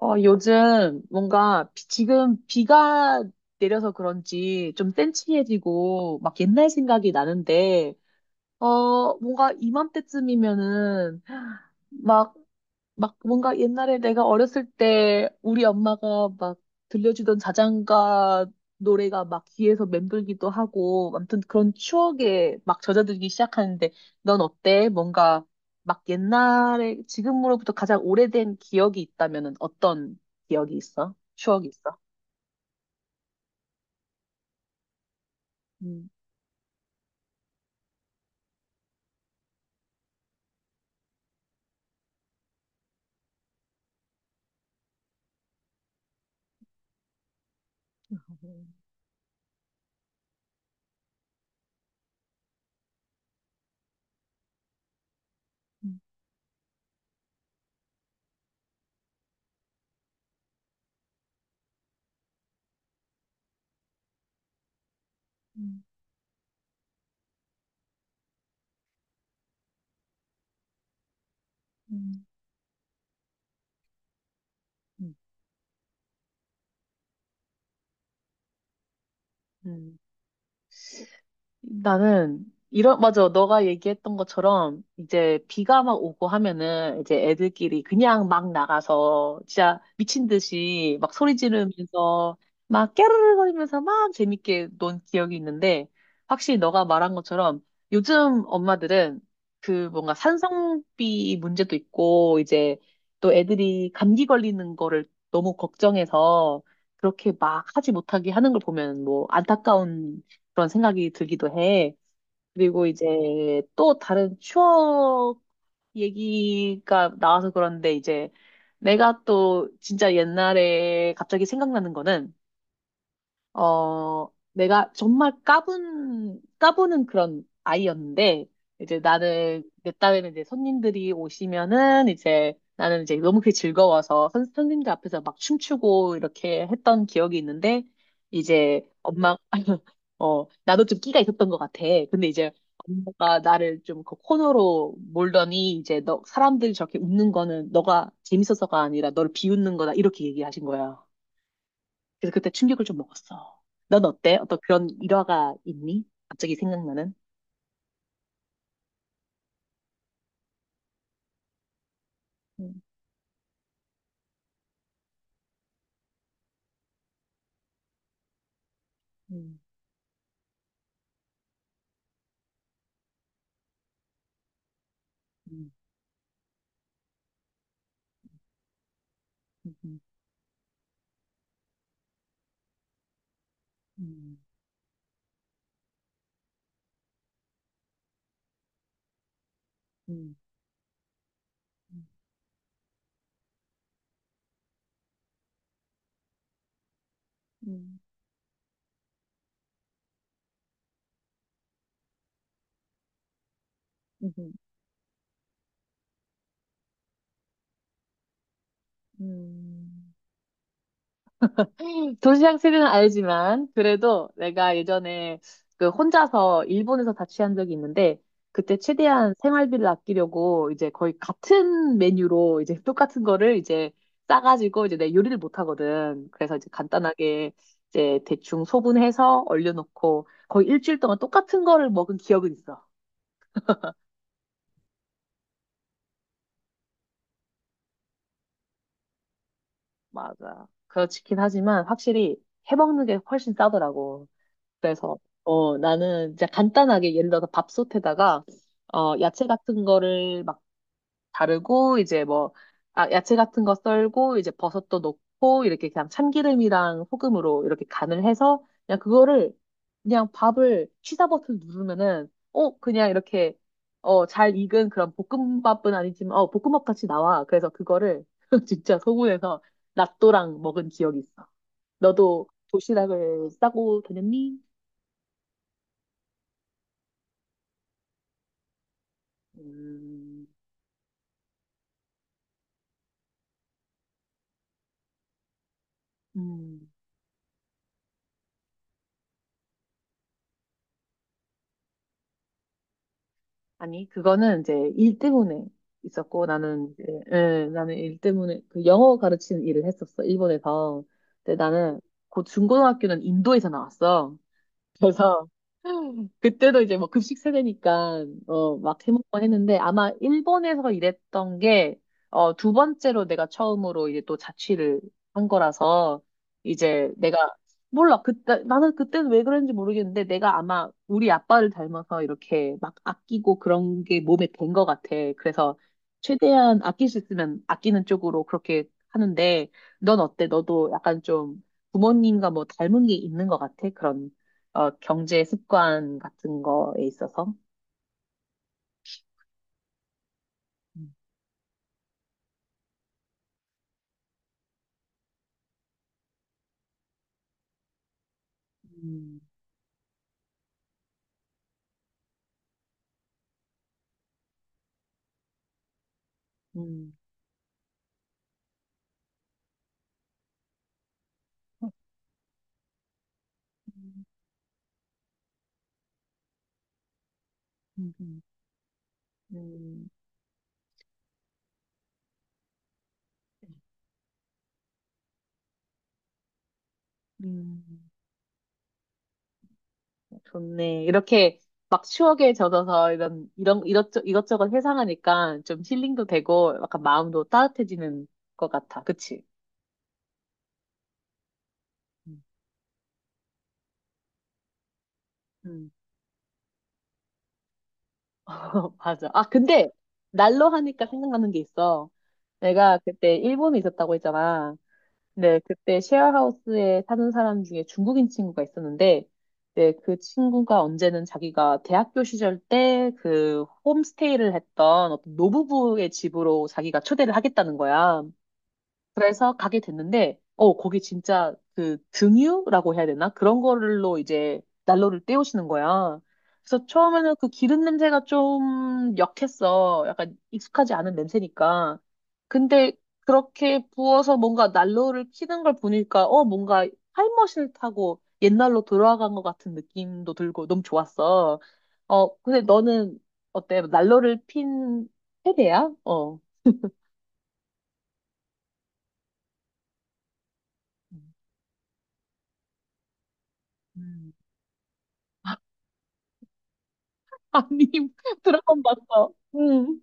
요즘 뭔가 지금 비가 내려서 그런지 좀 센치해지고 막 옛날 생각이 나는데, 뭔가 이맘때쯤이면은 막 뭔가 옛날에 내가 어렸을 때 우리 엄마가 막 들려주던 자장가 노래가 막 귀에서 맴돌기도 하고 아무튼 그런 추억에 막 젖어들기 시작하는데 넌 어때? 뭔가 막 옛날에 지금으로부터 가장 오래된 기억이 있다면은 어떤 기억이 있어? 추억이 있어? 음, 음, 음, 음, 음. 음, 나는 이런 맞아 너가 얘기했던 것처럼 이제 비가 막 오고 하면은 이제 애들끼리 그냥 막 나가서 진짜 미친 듯이 막 소리 지르면서 막 깨르르거리면서 막 재밌게 논 기억이 있는데 확실히 너가 말한 것처럼 요즘 엄마들은 그 뭔가 산성비 문제도 있고 이제 또 애들이 감기 걸리는 거를 너무 걱정해서 그렇게 막 하지 못하게 하는 걸 보면 뭐 안타까운 그런 생각이 들기도 해. 그리고 이제 또 다른 추억 얘기가 나와서 그런데 이제 내가 또 진짜 옛날에 갑자기 생각나는 거는 어, 내가 정말 까부는 그런 아이였는데, 이제 내 딸에는 이제 손님들이 오시면은 이제 나는 이제 너무 그게 즐거워서 선생님들 앞에서 막 춤추고 이렇게 했던 기억이 있는데, 이제 엄마, 나도 좀 끼가 있었던 것 같아. 근데 이제 엄마가 나를 좀 그 코너로 몰더니 이제 너, 사람들이 저렇게 웃는 거는 너가 재밌어서가 아니라 너를 비웃는 거다. 이렇게 얘기하신 거야. 그래서 그때 충격을 좀 먹었어. 넌 어때? 어떤 그런 일화가 있니? 갑자기 생각나는? 음, 음, 음, 음, 음, 음, 음, 음, 음, 음. 도시락 스릴은 알지만 그래도 내가 예전에 그 혼자서 일본에서 자취한 적이 있는데 그때 최대한 생활비를 아끼려고 이제 거의 같은 메뉴로 이제 똑같은 거를 이제 싸가지고 이제 내 요리를 못 하거든. 그래서 이제 간단하게 이제 대충 소분해서 얼려놓고 거의 일주일 동안 똑같은 거를 먹은 기억은 있어. 맞아. 그렇긴 하지만 확실히 해먹는 게 훨씬 싸더라고. 그래서 나는 이제 간단하게 예를 들어서 밥솥에다가 야채 같은 거를 막 자르고 이제 뭐 아, 야채 같은 거 썰고 이제 버섯도 넣고 이렇게 그냥 참기름이랑 소금으로 이렇게 간을 해서 그냥 그거를 그냥 밥을 취사 버튼 누르면은 그냥 이렇게 잘 익은 그런 볶음밥은 아니지만 볶음밥 같이 나와. 그래서 그거를 진짜 소문에서 낫또랑 먹은 기억이 있어. 너도 도시락을 싸고 다녔니? 음, 음. 아니, 그거는 이제 일 때문에 있었고, 나는 이제, 예, 나는 일 때문에 그 영어 가르치는 일을 했었어, 일본에서. 근데 나는 고 중고등학교는 인도에서 나왔어. 그래서 그때도 이제 뭐 급식 세대니까 막 해먹고 했는데 아마 일본에서 일했던 게 두 번째로 내가 처음으로 이제 또 자취를 한 거라서 이제 내가 몰라 그때 나는 그때는 왜 그랬는지 모르겠는데 내가 아마 우리 아빠를 닮아서 이렇게 막 아끼고 그런 게 몸에 밴 것 같아. 그래서 최대한 아낄 수 있으면 아끼는 쪽으로 그렇게 하는데 넌 어때? 너도 약간 좀 부모님과 뭐 닮은 게 있는 것 같아? 그런 경제 습관 같은 거에 있어서. 음, 음, 음, 음, 음, 음, 음. 좋네. 이렇게 막 추억에 젖어서 이런, 이런, 이것저것 회상하니까 좀 힐링도 되고 약간 마음도 따뜻해지는 것 같아. 그치? 음. 음. 맞아. 아, 근데 날로 하니까 생각나는 게 있어. 내가 그때 일본에 있었다고 했잖아. 네, 그때 쉐어하우스에 사는 사람 중에 중국인 친구가 있었는데, 네, 그 친구가 언제는 자기가 대학교 시절 때 그 홈스테이를 했던 어떤 노부부의 집으로 자기가 초대를 하겠다는 거야. 그래서 가게 됐는데, 거기 진짜 그 등유라고 해야 되나? 그런 거로 이제 난로를 때우시는 거야. 그래서 처음에는 그 기름 냄새가 좀 역했어. 약간 익숙하지 않은 냄새니까. 근데 그렇게 부어서 뭔가 난로를 켜는 걸 보니까, 뭔가 타임머신을 타고 옛날로 돌아간 것 같은 느낌도 들고 너무 좋았어. 근데 너는 어때? 난로를 핀 세대야? 어. 음. 아니, 드라마 봤어. 응.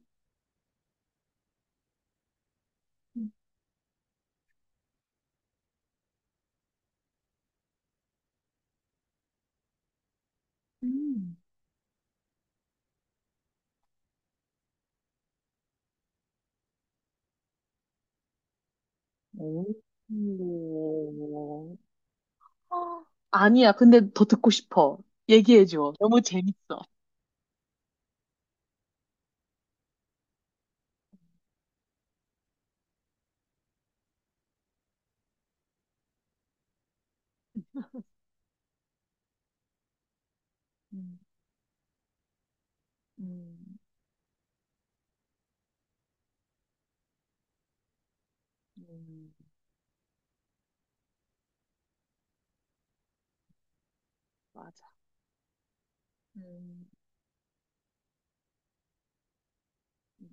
음. 오. 아, 아니야, 근데 더 듣고 싶어. 얘기해줘. 너무 재밌어. 음, 음, 음, 맞아. 음,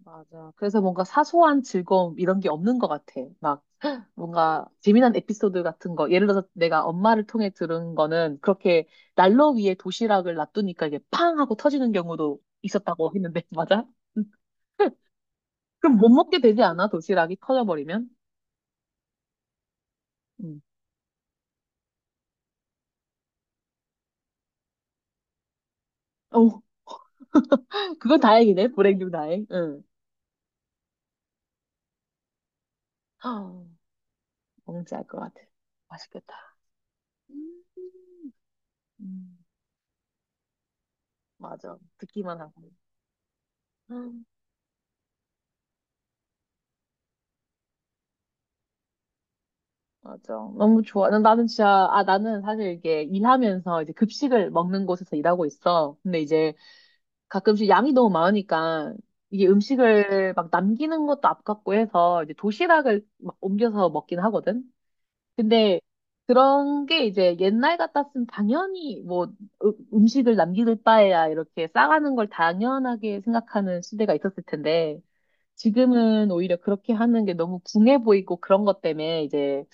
맞아. 그래서 뭔가 사소한 즐거움 이런 게 없는 것 같아. 막 뭔가 재미난 에피소드 같은 거. 예를 들어서 내가 엄마를 통해 들은 거는 그렇게 난로 위에 도시락을 놔두니까 이게 팡 하고 터지는 경우도 있었다고 했는데, 맞아? 그럼 못 먹게 되지 않아? 도시락이 터져버리면? 응. 어, 그건 다행이네. 불행 중 다행. 응. 아, 뭔지 알 것 같아. 맛있겠다. 음, 음, 맞아. 듣기만 하고. 음, 맞아. 너무 좋아. 나는 진짜, 아, 나는 사실 이게 일하면서 이제 급식을 먹는 곳에서 일하고 있어. 근데 이제 가끔씩 양이 너무 많으니까 이게 음식을 막 남기는 것도 아깝고 해서 이제 도시락을 막 옮겨서 먹긴 하거든. 근데 그런 게 이제 옛날 같았으면 당연히 뭐 음식을 남길 바에야 이렇게 싸가는 걸 당연하게 생각하는 시대가 있었을 텐데 지금은 오히려 그렇게 하는 게 너무 궁해 보이고 그런 것 때문에 이제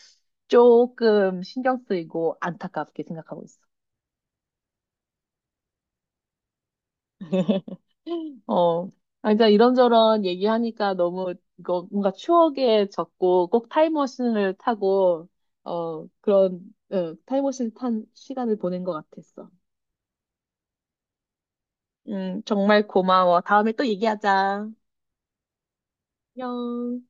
조금 신경 쓰이고 안타깝게 생각하고 있어. 어, 아, 이제 이런저런 얘기하니까 너무 이거 뭔가 추억에 젖고 꼭 타임머신을 타고 어 그런 타임머신 탄 시간을 보낸 것 같았어. 정말 고마워. 다음에 또 얘기하자. 안녕.